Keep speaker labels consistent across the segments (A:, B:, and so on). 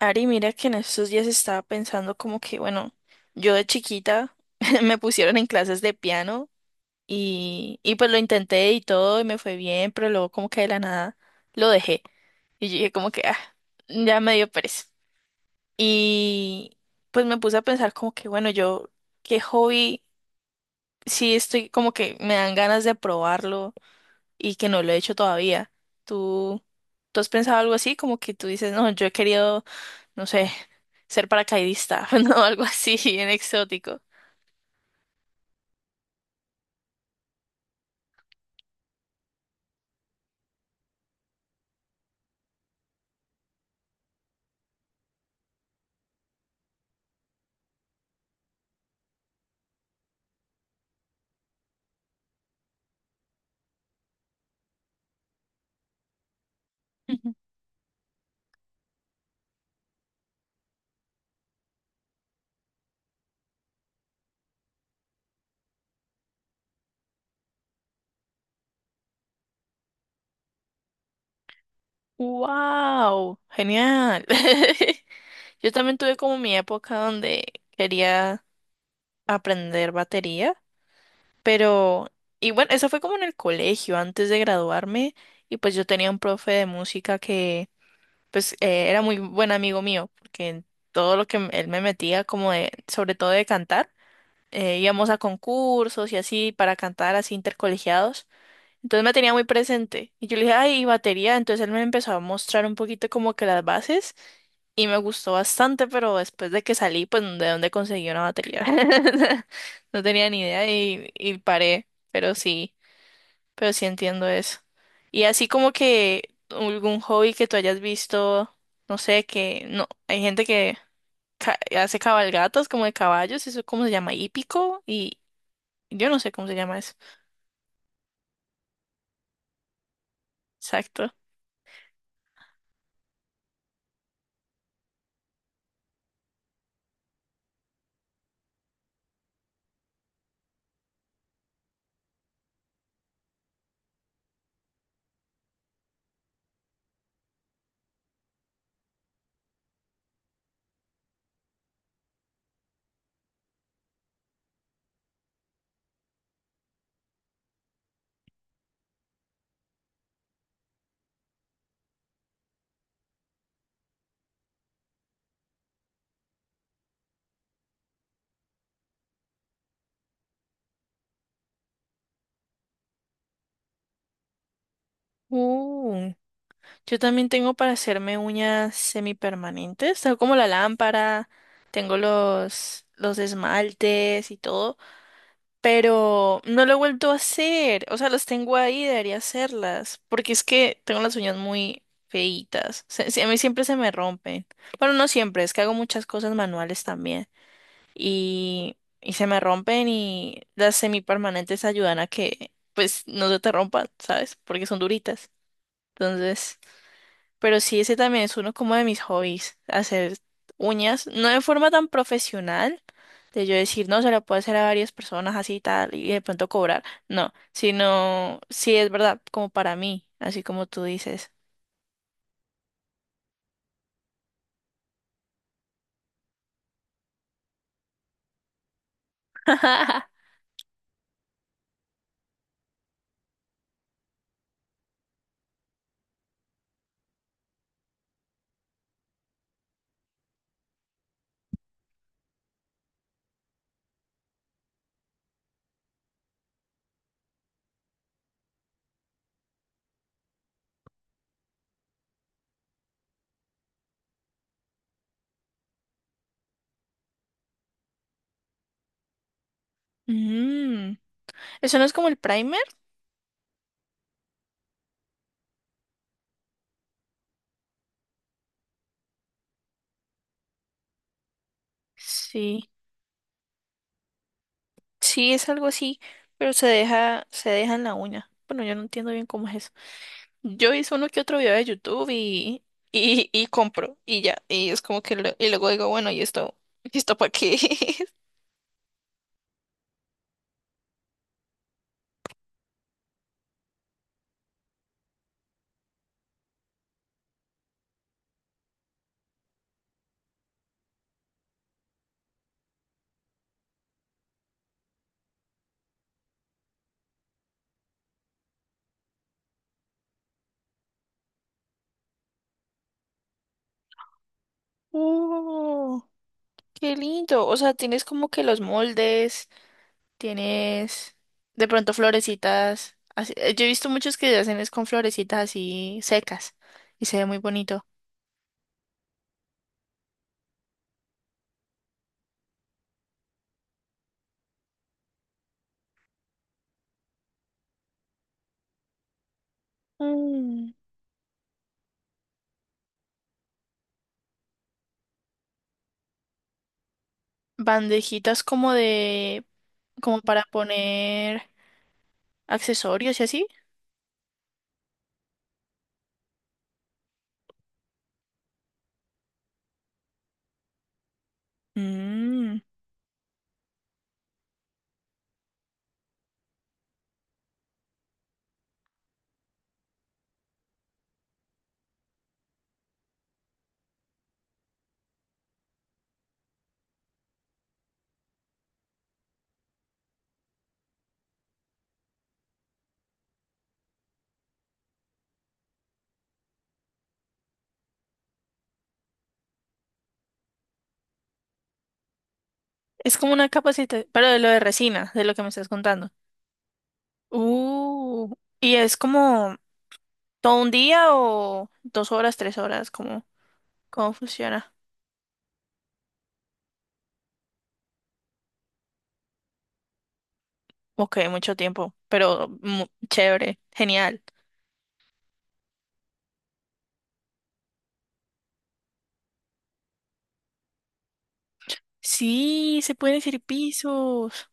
A: Ari, mira que en estos días estaba pensando como que, bueno, yo de chiquita me pusieron en clases de piano y pues lo intenté y todo y me fue bien, pero luego como que de la nada lo dejé. Y yo dije como que, ah, ya me dio pereza. Y pues me puse a pensar como que, bueno, yo, qué hobby, sí estoy como que me dan ganas de probarlo y que no lo he hecho todavía. ¿Tú, tú has pensado algo así? Como que tú dices, no, yo he querido no sé, ser paracaidista, no, algo así, bien exótico. Ujú. ¡Wow! Genial. Yo también tuve como mi época donde quería aprender batería, pero, y bueno, eso fue como en el colegio, antes de graduarme, y pues yo tenía un profe de música que, pues, era muy buen amigo mío, porque todo lo que él me metía, como de, sobre todo de cantar, íbamos a concursos y así para cantar así intercolegiados. Entonces me tenía muy presente. Y yo le dije, ay, ¿y batería. Entonces él me empezó a mostrar un poquito como que las bases y me gustó bastante, pero después de que salí, pues de dónde conseguí una batería. No tenía ni idea y paré, pero sí entiendo eso. Y así como que algún hobby que tú hayas visto, no sé, que no, hay gente que hace cabalgatas como de caballos, eso cómo se llama, hípico, y yo no sé cómo se llama eso. Exacto. Uh. Yo también tengo para hacerme uñas semipermanentes, tengo como la lámpara, tengo los esmaltes y todo, pero no lo he vuelto a hacer, o sea, las tengo ahí, debería hacerlas, porque es que tengo las uñas muy feitas, a mí siempre se me rompen, bueno, no siempre, es que hago muchas cosas manuales también y se me rompen y las semipermanentes ayudan a que pues no se te rompan, ¿sabes? Porque son duritas, entonces... Pero sí, ese también es uno como de mis hobbies, hacer uñas, no de forma tan profesional, de yo decir, no, se lo puedo hacer a varias personas así y tal, y de pronto cobrar, no, sino, sí es verdad, como para mí, así como tú dices. Mm, ¿eso no es como el primer? Sí, sí es algo así, pero se deja en la uña. Bueno, yo no entiendo bien cómo es eso. Yo hice uno que otro video de YouTube y compro y ya. Y es como que y luego digo, bueno, ¿y esto para qué es? ¡Oh! ¡Qué lindo! O sea, tienes como que los moldes, tienes de pronto florecitas. Así. Yo he visto muchos que hacen es con florecitas así secas y se ve muy bonito. Mm. Bandejitas como de, como para poner accesorios y así. Es como una capacitación, pero de lo de resina, de lo que me estás contando. Uh, y es como todo un día o 2 horas, 3 horas, ¿cómo, cómo funciona? Ok, mucho tiempo, pero chévere, genial. Sí, se pueden decir pisos.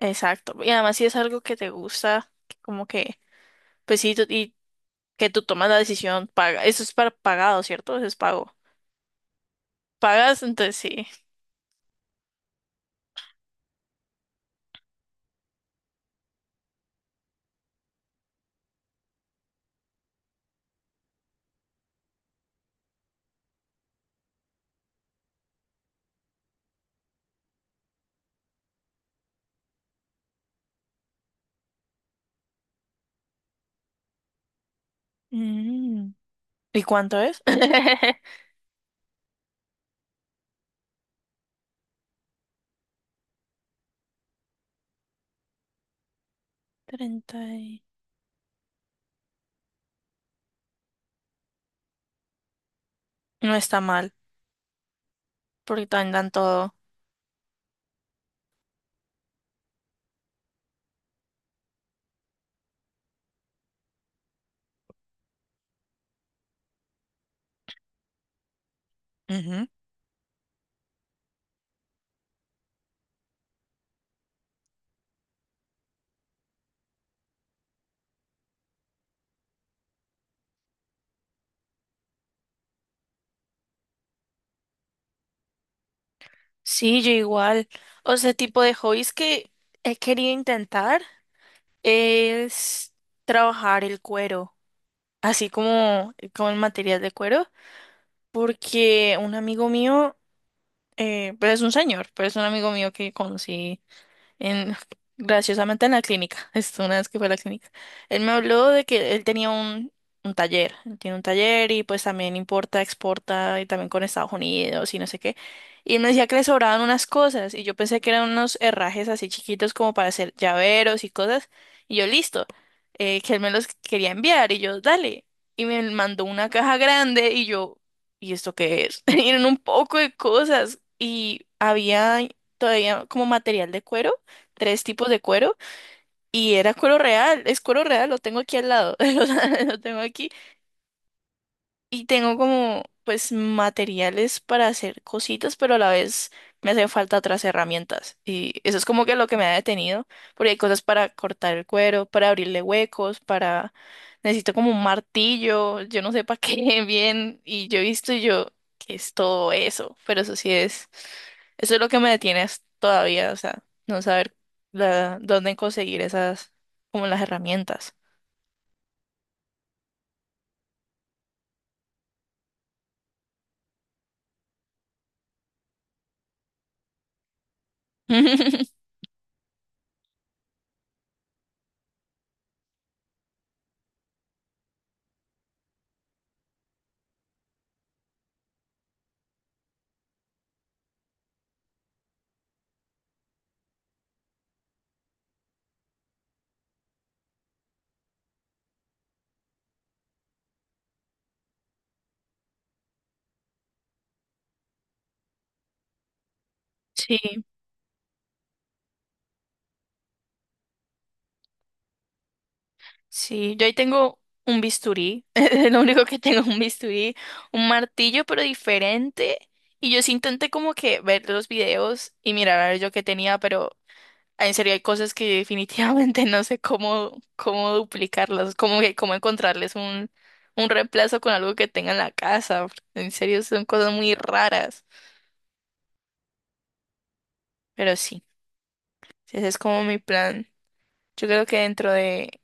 A: Exacto. Y además si es algo que te gusta, que como que, pues sí, y que tú tomas la decisión, paga. Eso es para pagado, ¿cierto? Eso es pago. Pagas, entonces sí. Mm. ¿Y cuánto es? 30. No está mal, porque también dan todo. Ujú. Sí, yo igual. O sea, tipo de hobbies que he querido intentar es trabajar el cuero, así como, como el material de cuero, porque un amigo mío, pero es un señor, pero es un amigo mío que conocí. En, graciosamente en la clínica, esto una vez que fue a la clínica. Él me habló de que él tenía un taller, él tiene un taller y pues también importa, exporta y también con Estados Unidos y no sé qué. Y él me decía que le sobraban unas cosas y yo pensé que eran unos herrajes así chiquitos como para hacer llaveros y cosas. Y yo, listo, que él me los quería enviar y yo, dale. Y me mandó una caja grande y yo, ¿y esto qué es? Y eran un poco de cosas y había todavía como material de cuero tres tipos de cuero y era cuero real, es cuero real, lo tengo aquí al lado, lo, tengo aquí y tengo como pues materiales para hacer cositas, pero a la vez me hacen falta otras herramientas. Y eso es como que lo que me ha detenido, porque hay cosas para cortar el cuero, para abrirle huecos, para... Necesito como un martillo, yo no sé para qué bien. Y yo he visto y yo, que es todo eso? Pero eso sí es, eso es lo que me detiene todavía, o sea, no saber dónde conseguir esas, como las herramientas. Sí. Sí, yo ahí tengo un bisturí, es lo único que tengo un bisturí, un martillo pero diferente. Y yo sí intenté como que ver los videos y mirar a ver yo qué tenía, pero en serio hay cosas que yo definitivamente no sé cómo, cómo duplicarlas, cómo, cómo encontrarles un reemplazo con algo que tenga en la casa. En serio son cosas muy raras, pero sí, ese es como mi plan. Yo creo que dentro de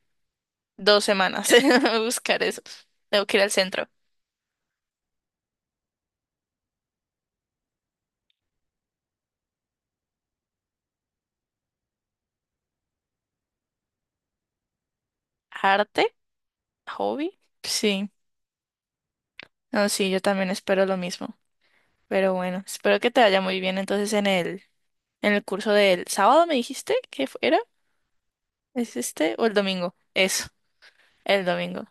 A: 2 semanas buscar eso. Tengo que ir al centro. Arte. ¿Hobby? Sí. No, sí, yo también espero lo mismo. Pero bueno, espero que te vaya muy bien entonces en el curso del sábado, ¿me dijiste que era? ¿Es este? ¿O el domingo? Eso, el domingo.